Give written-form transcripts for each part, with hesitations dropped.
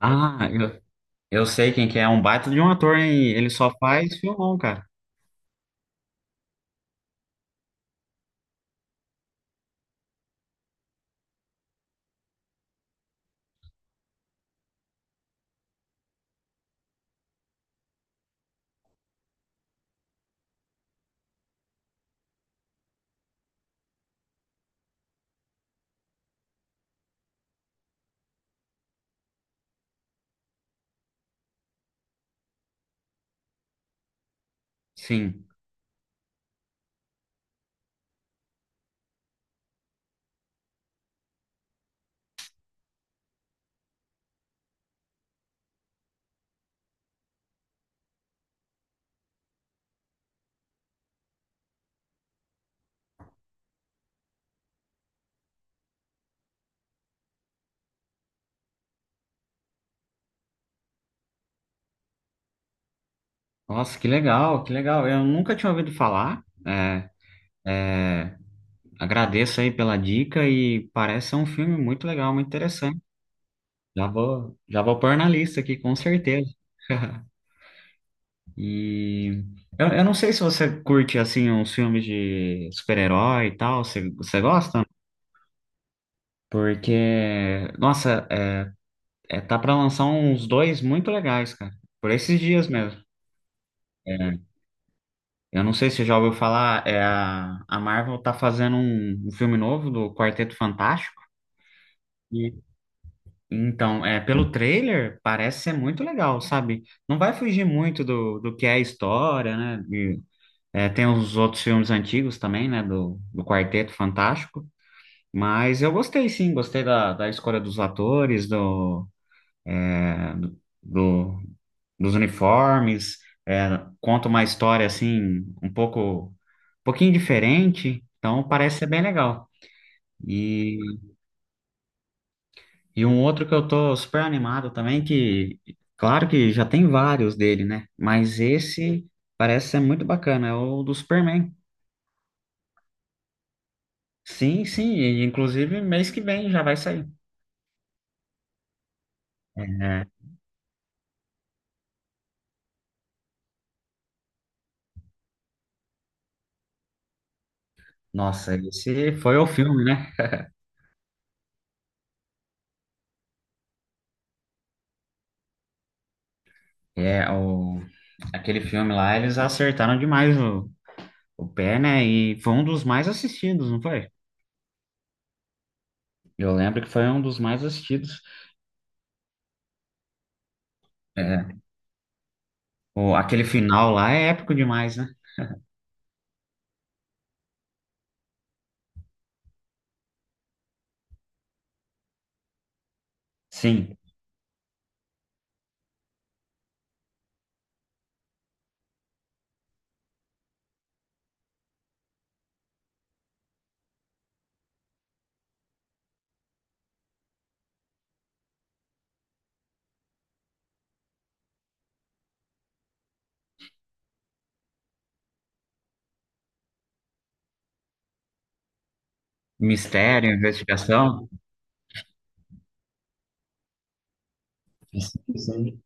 Ah, eu sei quem que é. É um baita de um ator, hein? Ele só faz filmão, cara. Sim. Nossa, que legal, que legal. Eu nunca tinha ouvido falar. É, é, agradeço aí pela dica e parece ser um filme muito legal, muito interessante. Já vou pôr na lista aqui, com certeza. E eu não sei se você curte, assim, uns filmes de super-herói e tal. Você gosta? Porque, nossa, é, é, tá pra lançar uns dois muito legais, cara. Por esses dias mesmo. É. Eu não sei se você já ouviu falar, é a Marvel tá fazendo um filme novo do Quarteto Fantástico. E, então, é, pelo trailer, parece ser muito legal, sabe? Não vai fugir muito do que é a história, né? E, é, tem os outros filmes antigos também, né? Do Quarteto Fantástico. Mas eu gostei sim, gostei da escolha dos atores, do, é, do, dos uniformes, é, conta uma história assim, um pouco, um pouquinho diferente, então parece ser bem legal. E, e um outro que eu tô super animado também, que claro que já tem vários dele, né? Mas esse parece ser muito bacana, é o do Superman. Sim, sim, e inclusive mês que vem já vai sair. É, nossa, esse foi o filme, né? É, o, aquele filme lá, eles acertaram demais o pé, né? E foi um dos mais assistidos, não foi? Eu lembro que foi um dos mais assistidos. É, o, aquele final lá é épico demais, né? Sim. Mistério, investigação. Sim, sim.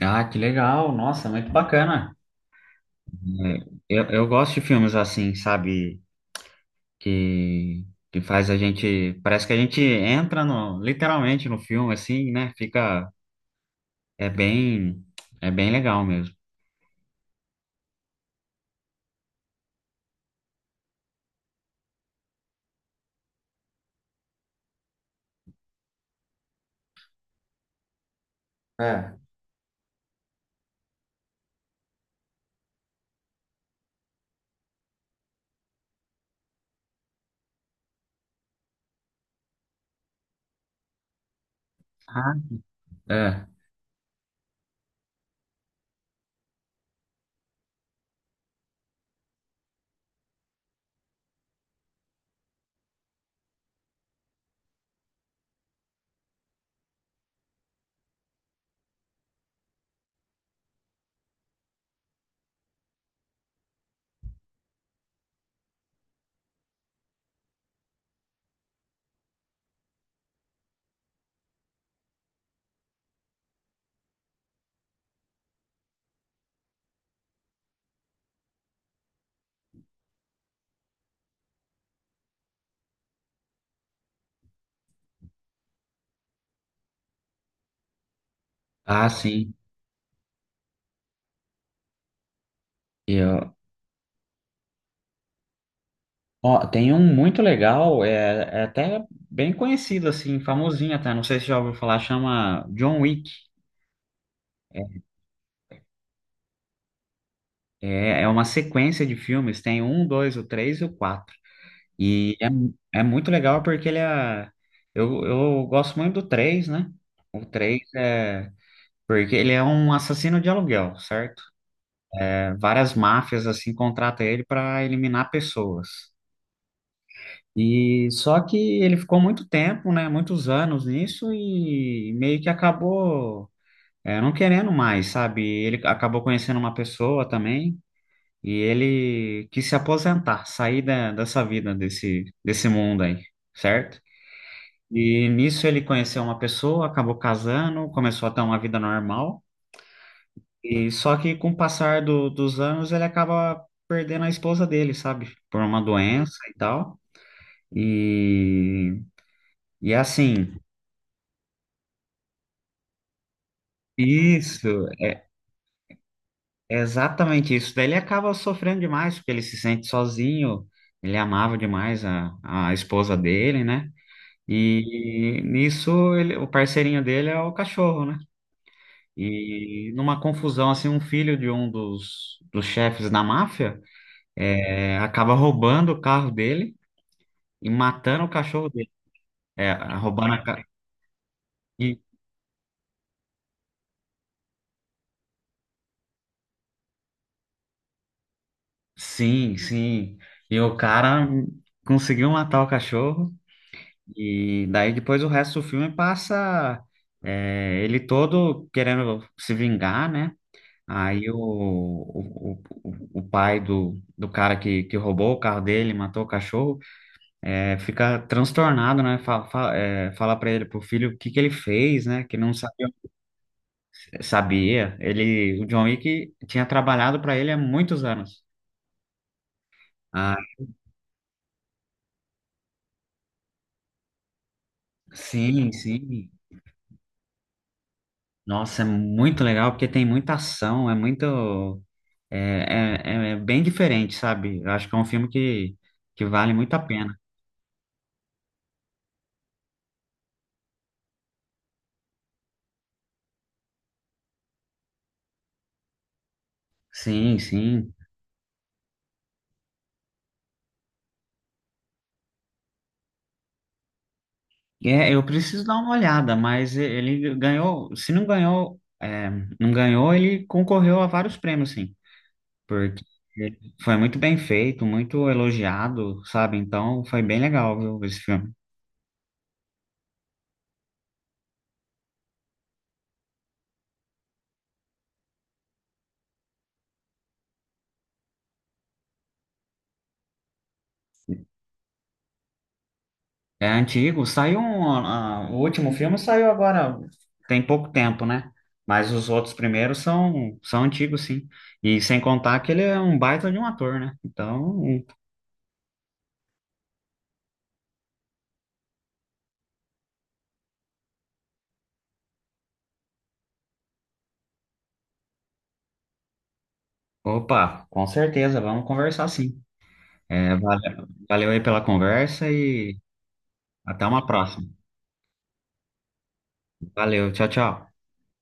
Ah, que legal. Nossa, muito bacana. É, eu gosto de filmes assim, sabe? Que, que faz a gente. Parece que a gente entra no, literalmente no filme, assim, né? Fica. É bem. É bem legal mesmo. É. Ah, é. Ah, sim. Ó, tem um muito legal, é, é até bem conhecido, assim, famosinho até, não sei se já ouviu falar, chama John Wick. É, é uma sequência de filmes, tem um, dois, o três e o quatro. E é, é muito legal porque ele é... Eu gosto muito do três, né? O três é... Porque ele é um assassino de aluguel, certo? É, várias máfias, assim, contratam ele para eliminar pessoas. E só que ele ficou muito tempo, né, muitos anos nisso e meio que acabou não querendo mais, sabe? Ele acabou conhecendo uma pessoa também e ele quis se aposentar, sair da, dessa vida, desse, desse mundo aí, certo? E nisso ele conheceu uma pessoa, acabou casando, começou a ter uma vida normal e só que com o passar do- dos anos ele acaba perdendo a esposa dele, sabe? Por uma doença e tal. E, e é assim. Isso, é exatamente isso. Daí ele acaba sofrendo demais, porque ele se sente sozinho, ele amava demais a esposa dele, né? E nisso ele, o parceirinho dele é o cachorro, né? E numa confusão, assim, um filho de um dos chefes da máfia acaba roubando o carro dele e matando o cachorro dele. É, roubando a... ca- E, sim, sim. E o cara conseguiu matar o cachorro. E daí depois o resto do filme passa ele todo querendo se vingar, né? Aí o pai do, do cara que roubou o carro dele, matou o cachorro, é, fica transtornado, né? Fala, fala, é, fala pra ele, pro filho, o que que ele fez, né? Que não sabia. Sabia. Ele, o John Wick tinha trabalhado para ele há muitos anos. Ah, sim, sim. Nossa, é muito legal porque tem muita ação, é muito. É, é, é bem diferente, sabe? Eu acho que é um filme que vale muito a pena. Sim, sim. É, eu preciso dar uma olhada, mas e- ele ganhou. Se não ganhou, é, não ganhou, ele concorreu a vários prêmios, sim. Porque ele foi muito bem feito, muito elogiado, sabe? Então foi bem legal, viu, esse filme. É antigo, saiu um, ah, o último filme saiu agora, tem pouco tempo, né? Mas os outros primeiros são, são antigos, sim. E sem contar que ele é um baita de um ator, né? Então, opa, com certeza, vamos conversar sim. É, valeu, valeu aí pela conversa e até uma próxima. Valeu, tchau, tchau.